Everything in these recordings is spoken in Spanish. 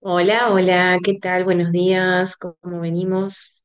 Hola, hola, ¿qué tal? Buenos días, ¿cómo venimos?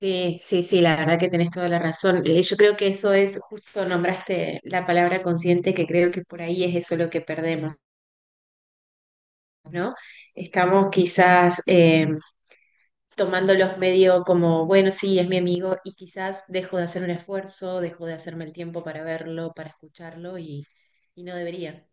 Sí, sí, sí, la verdad que tenés toda la razón. Yo creo que eso es, justo nombraste la palabra consciente, que creo que por ahí es eso lo que perdemos, ¿no? Estamos quizás tomándolos medio como, bueno, sí, es mi amigo, y quizás dejo de hacer un esfuerzo, dejo de hacerme el tiempo para verlo, para escucharlo, y no debería.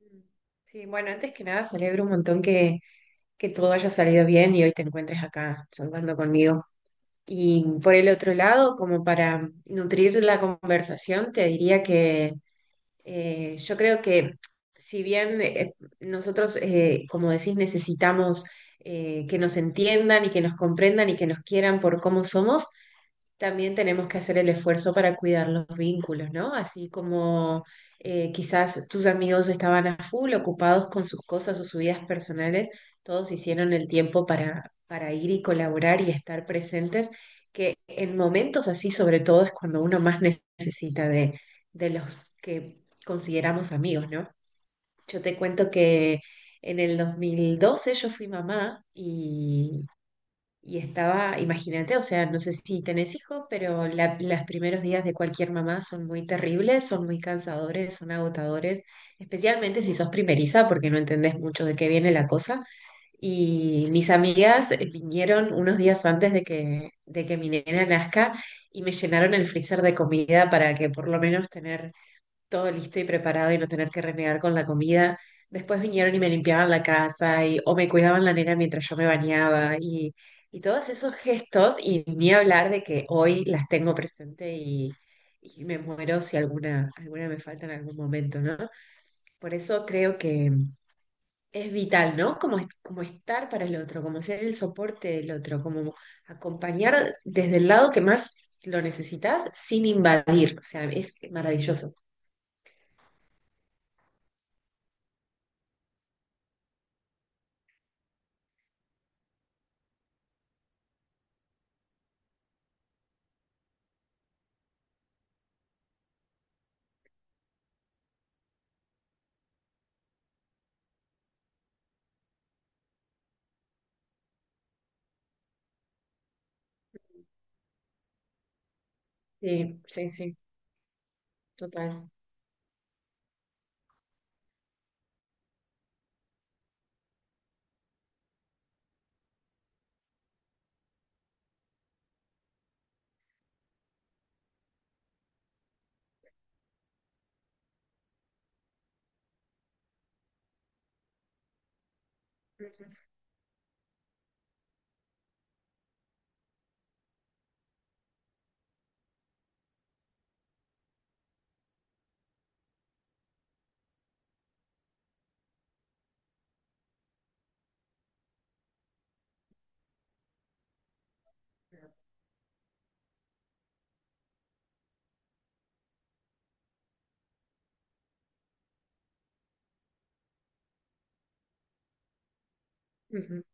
Mm. Sí, bueno, antes que nada celebro un montón que todo haya salido bien y hoy te encuentres acá charlando conmigo. Y por el otro lado, como para nutrir la conversación, te diría que yo creo que si bien nosotros, como decís, necesitamos que nos entiendan y que nos comprendan y que nos quieran por cómo somos, también tenemos que hacer el esfuerzo para cuidar los vínculos, ¿no? Así como quizás tus amigos estaban a full, ocupados con sus cosas o sus vidas personales, todos hicieron el tiempo para ir y colaborar y estar presentes, que en momentos así, sobre todo, es cuando uno más necesita de los que consideramos amigos, ¿no? Yo te cuento que en el 2012 yo fui mamá y estaba, imagínate, o sea, no sé si tenés hijos, pero los primeros días de cualquier mamá son muy terribles, son muy cansadores, son agotadores, especialmente si sos primeriza, porque no entendés mucho de qué viene la cosa. Y mis amigas vinieron unos días antes de que mi nena nazca y me llenaron el freezer de comida para que por lo menos tener todo listo y preparado y no tener que renegar con la comida. Después vinieron y me limpiaban la casa y, o me cuidaban la nena mientras yo me bañaba y todos esos gestos y ni hablar de que hoy las tengo presente y me muero si alguna, alguna me falta en algún momento, ¿no? Por eso creo que es vital, ¿no? Como, como estar para el otro, como ser el soporte del otro, como acompañar desde el lado que más lo necesitas sin invadir. O sea, es maravilloso. Sí, sí, sí. Total. Ujú,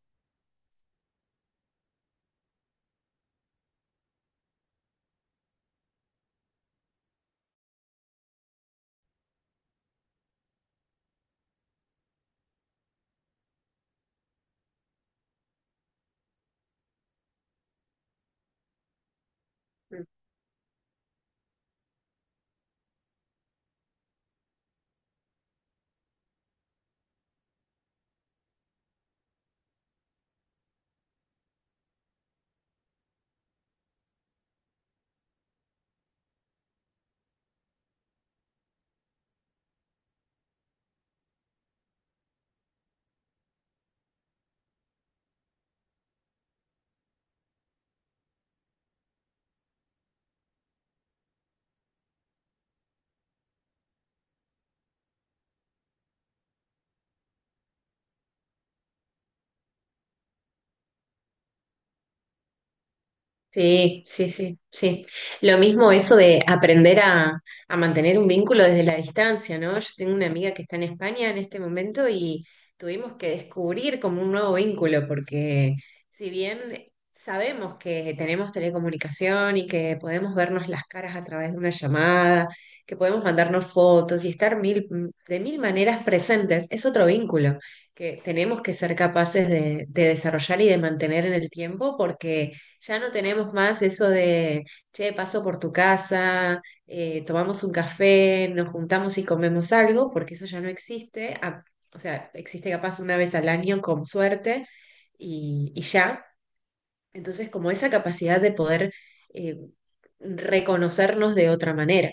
ujú. Sí, sí, sí, sí. Lo mismo eso de aprender a mantener un vínculo desde la distancia, ¿no? Yo tengo una amiga que está en España en este momento y tuvimos que descubrir como un nuevo vínculo, porque si bien sabemos que tenemos telecomunicación y que podemos vernos las caras a través de una llamada, que podemos mandarnos fotos y estar mil, de mil maneras presentes, es otro vínculo que tenemos que ser capaces de desarrollar y de mantener en el tiempo porque ya no tenemos más eso de, che, paso por tu casa, tomamos un café, nos juntamos y comemos algo, porque eso ya no existe. Ah, o sea, existe capaz una vez al año con suerte y ya. Entonces, como esa capacidad de poder eh, reconocernos de otra manera.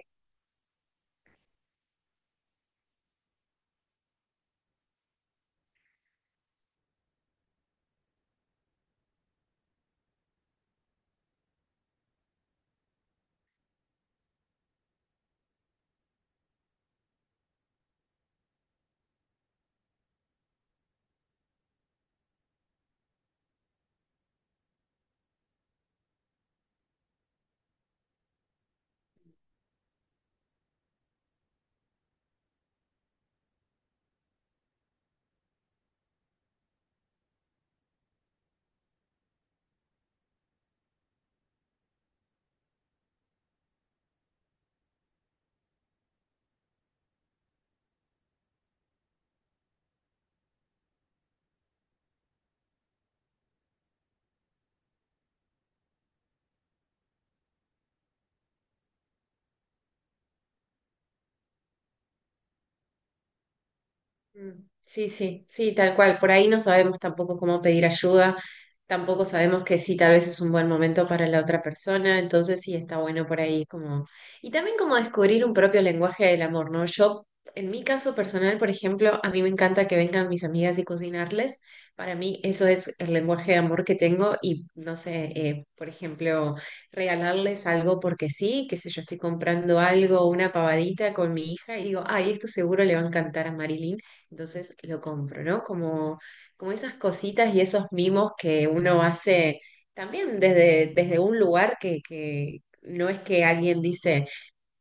Mm. Sí, sí, sí, tal cual. Por ahí no sabemos tampoco cómo pedir ayuda, tampoco sabemos que sí, tal vez es un buen momento para la otra persona, entonces sí está bueno por ahí como... Y también como descubrir un propio lenguaje del amor, ¿no? Yo, en mi caso personal, por ejemplo, a mí me encanta que vengan mis amigas y cocinarles. Para mí eso es el lenguaje de amor que tengo y, no sé, por ejemplo, regalarles algo porque sí, qué sé yo, estoy comprando algo, una pavadita con mi hija y digo, ay, esto seguro le va a encantar a Marilyn, entonces lo compro, ¿no? Como, como esas cositas y esos mimos que uno hace también desde, desde un lugar que no es que alguien dice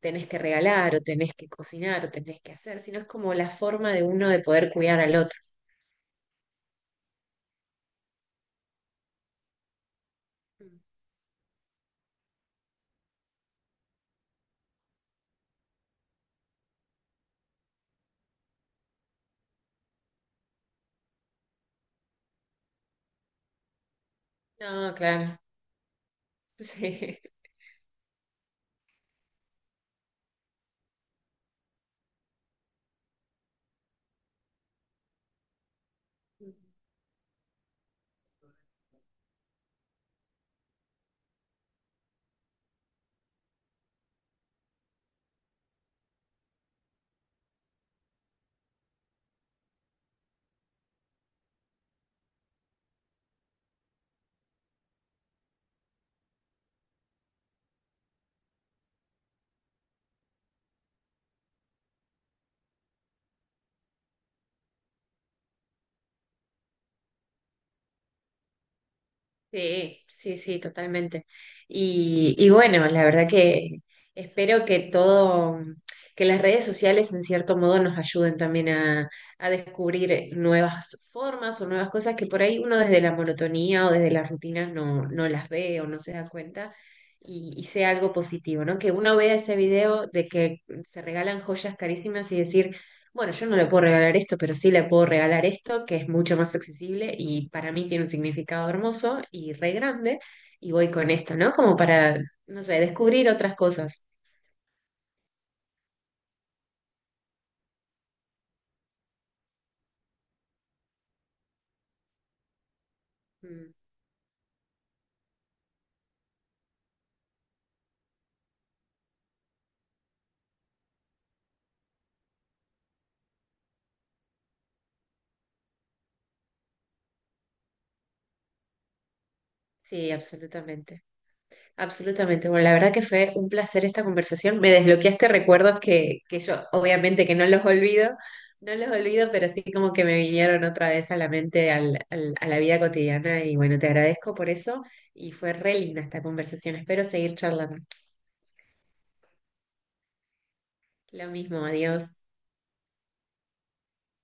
tenés que regalar o tenés que cocinar o tenés que hacer, sino es como la forma de uno de poder cuidar al otro. No, claro. Sí. Sí, sí, sí, totalmente. Y bueno, la verdad que espero que todo, que las redes sociales en cierto modo nos ayuden también a descubrir nuevas formas o nuevas cosas que por ahí uno desde la monotonía o desde las rutinas no, no las ve o no se da cuenta y sea algo positivo, ¿no? Que uno vea ese video de que se regalan joyas carísimas y decir, bueno, yo no le puedo regalar esto, pero sí le puedo regalar esto, que es mucho más accesible y para mí tiene un significado hermoso y re grande, y voy con esto, ¿no? Como para, no sé, descubrir otras cosas. Mm. Sí, absolutamente, absolutamente. Bueno, la verdad que fue un placer esta conversación. Me desbloqueaste recuerdos que yo, obviamente que no los olvido, no los olvido, pero sí como que me vinieron otra vez a la mente, a la vida cotidiana, y bueno, te agradezco por eso, y fue re linda esta conversación. Espero seguir charlando. Lo mismo, adiós.